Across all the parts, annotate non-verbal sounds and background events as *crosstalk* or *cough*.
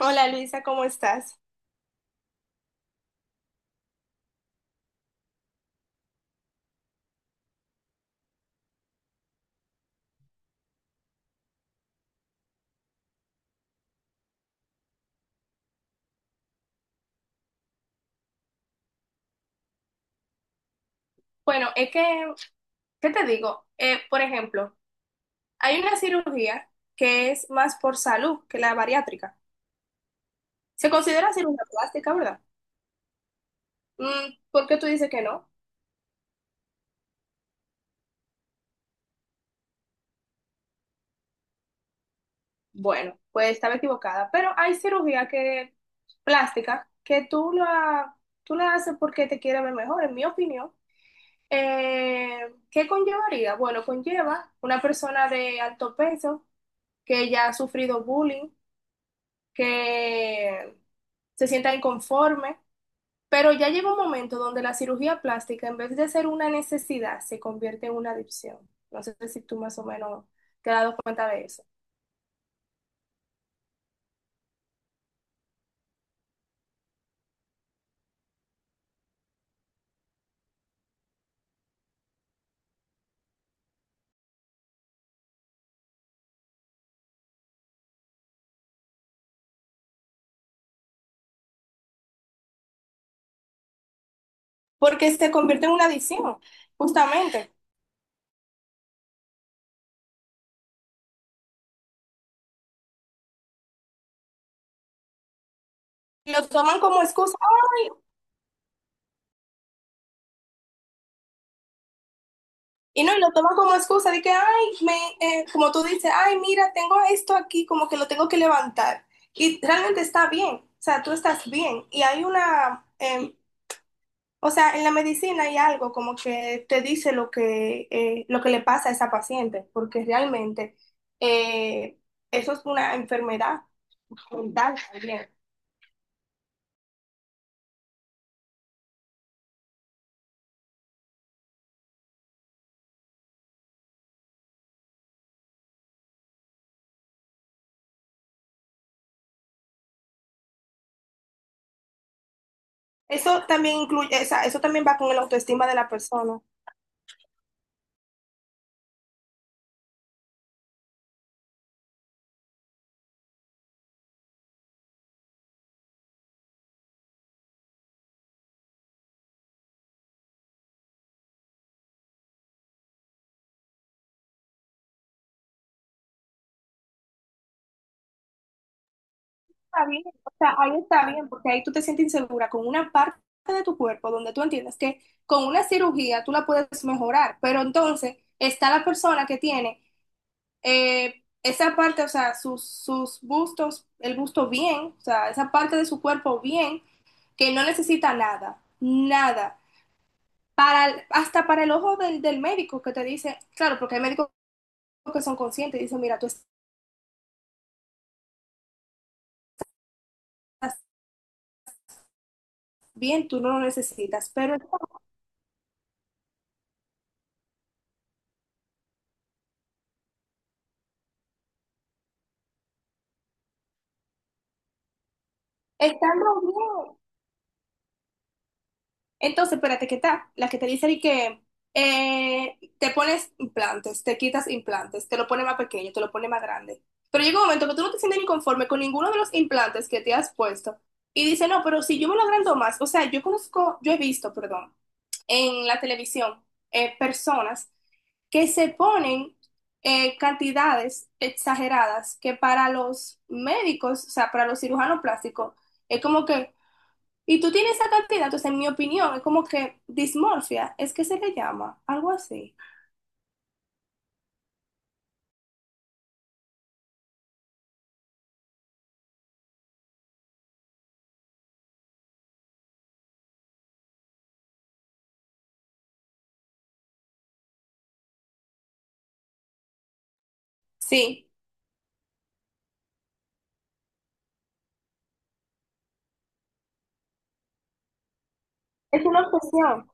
Hola Luisa, ¿cómo estás? Bueno, es que, ¿qué te digo? Por ejemplo, hay una cirugía que es más por salud que la bariátrica. Se considera cirugía plástica, ¿verdad? Mm, ¿por qué tú dices que no? Bueno, pues estaba equivocada, pero hay cirugía que, plástica que tú la haces porque te quieres ver mejor, en mi opinión. Eh, ¿Qué conllevaría? Bueno, conlleva una persona de alto peso que ya ha sufrido bullying que se sientan inconformes, pero ya llega un momento donde la cirugía plástica, en vez de ser una necesidad, se convierte en una adicción. No sé si tú más o menos te has dado cuenta de eso. Porque se convierte en una adicción, justamente. Y lo toman como excusa. Y no, y lo toman como excusa de que, ay, como tú dices, ay, mira, tengo esto aquí, como que lo tengo que levantar. Y realmente está bien, o sea, tú estás bien. Y hay o sea, en la medicina hay algo como que te dice lo que le pasa a esa paciente, porque realmente eh, eso es una enfermedad mental también. Eso también incluye, o sea, eso también va con la autoestima de la persona. Está bien, o sea, ahí está bien, porque ahí tú te sientes insegura con una parte de tu cuerpo donde tú entiendes que con una cirugía tú la puedes mejorar, pero entonces está la persona que tiene esa parte, o sea, sus bustos, el busto bien, o sea, esa parte de su cuerpo bien, que no necesita nada, nada. Hasta para el ojo del médico que te dice, claro, porque hay médicos que son conscientes y dicen, mira, tú estás bien, tú no lo necesitas, pero estando bien, entonces, espérate, ¿qué tal? La que te dice de que te pones implantes, te quitas implantes, te lo pone más pequeño, te lo pone más grande. Pero llega un momento que tú no te sientes ni conforme con ninguno de los implantes que te has puesto. Y dice, no, pero si yo me lo agrando más, o sea, yo conozco, yo he visto, perdón, en la televisión personas que se ponen cantidades exageradas que para los médicos, o sea, para los cirujanos plásticos, es como que y tú tienes esa cantidad, entonces en mi opinión es como que dismorfia, es que se le llama, algo así. Sí, es una obsesión.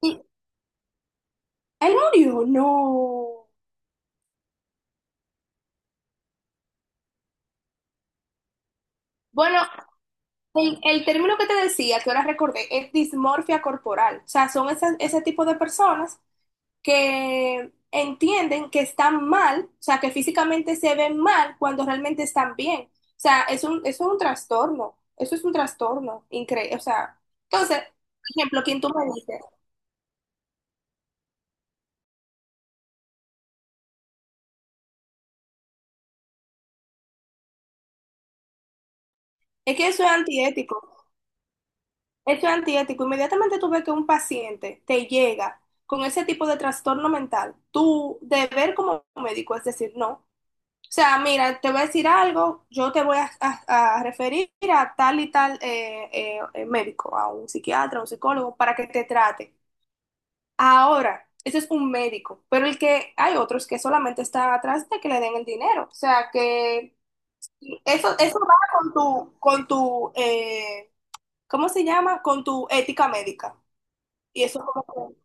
¿Y él murió? No. Bueno, el término que te decía, que ahora recordé, es dismorfia corporal. O sea, son ese tipo de personas que entienden que están mal, o sea, que físicamente se ven mal cuando realmente están bien. O sea, es un, eso es un trastorno, eso es un trastorno increíble. O sea, entonces, por ejemplo, quien tú me dices. Es que eso es antiético. Eso es antiético. Inmediatamente tú ves que un paciente te llega con ese tipo de trastorno mental, tu deber como médico es decir no. O sea, mira, te voy a decir algo, yo te voy a referir a tal y tal médico, a un psiquiatra, a un psicólogo, para que te trate. Ahora, ese es un médico, pero el que hay otros que solamente están atrás de que le den el dinero. O sea, que eso va con con tu ¿cómo se llama? Con tu ética médica. Y eso es como que-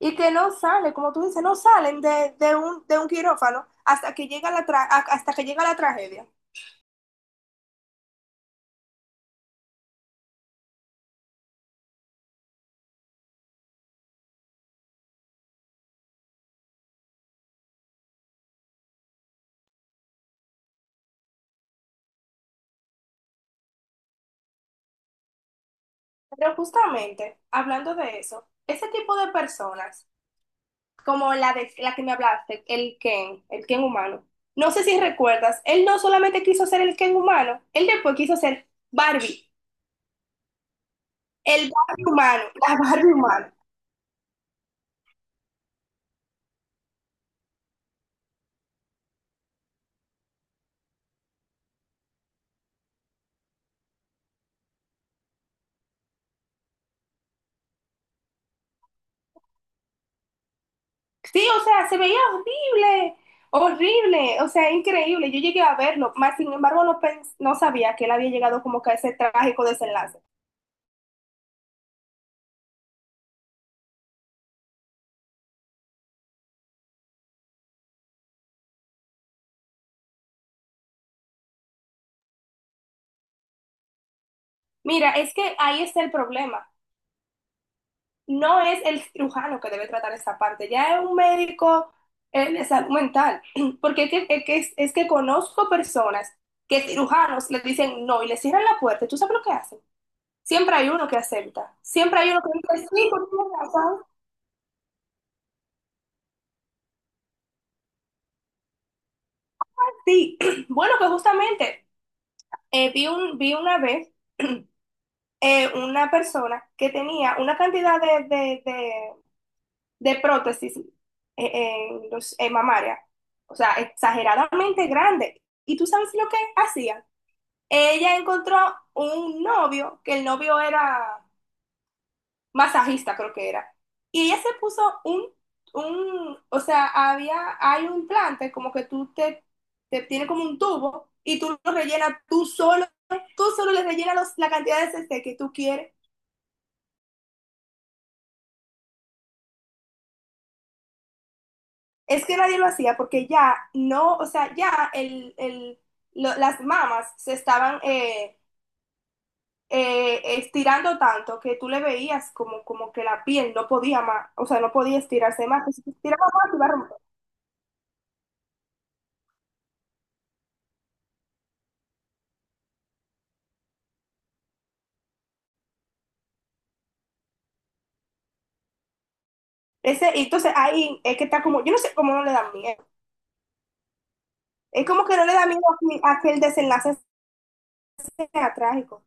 y que no sale, como tú dices, no salen de de un quirófano hasta que llega la hasta que llega la tragedia. Pero justamente, hablando de eso, ese tipo de personas, como la de la que me hablaste, el Ken humano, no sé si recuerdas, él no solamente quiso ser el Ken humano, él después quiso ser Barbie, el Barbie humano, la Barbie humana. Sí, o sea, se veía horrible, horrible, o sea, increíble. Yo llegué a verlo, más sin embargo no, no sabía que él había llegado como que a ese trágico desenlace. Mira, es que ahí está el problema. No es el cirujano que debe tratar esa parte, ya es un médico de salud mental, *clears throat* porque que conozco personas que cirujanos les dicen no y les cierran la puerta. ¿Tú sabes lo que hacen? Siempre hay uno que acepta, siempre hay uno que dice sí, por favor, sí. *clears throat* Bueno, pues justamente. Vi una vez una persona que tenía una cantidad de prótesis en los, en mamaria, o sea, exageradamente grande. ¿Y tú sabes lo que hacía? Ella encontró un novio, que el novio era masajista creo que era. Y ella se puso o sea, había, hay un implante como que te tiene como un tubo y tú lo rellenas tú solo le rellenas la cantidad de CC que tú quieres. Es que nadie lo hacía porque ya no, o sea, ya el, las mamas se estaban estirando tanto que tú le veías como, como que la piel no podía más, o sea, no podía estirarse más, que si se estiraba más se iba a romper. Ese, y entonces ahí es que está como, yo no sé cómo no le da miedo. Es como que no le da miedo a que el desenlace sea trágico.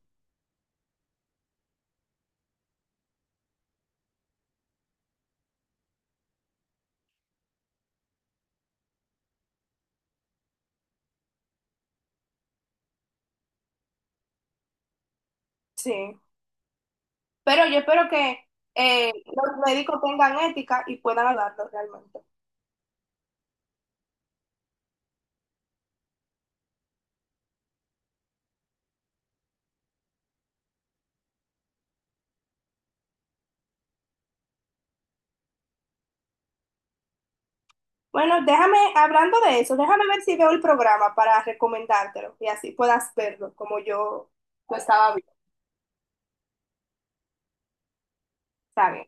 Sí. Pero yo espero que los médicos tengan ética y puedan hablarlo realmente. Bueno, déjame, hablando de eso, déjame ver si veo el programa para recomendártelo y así puedas verlo como yo lo estaba viendo. Está bien.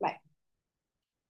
Bye.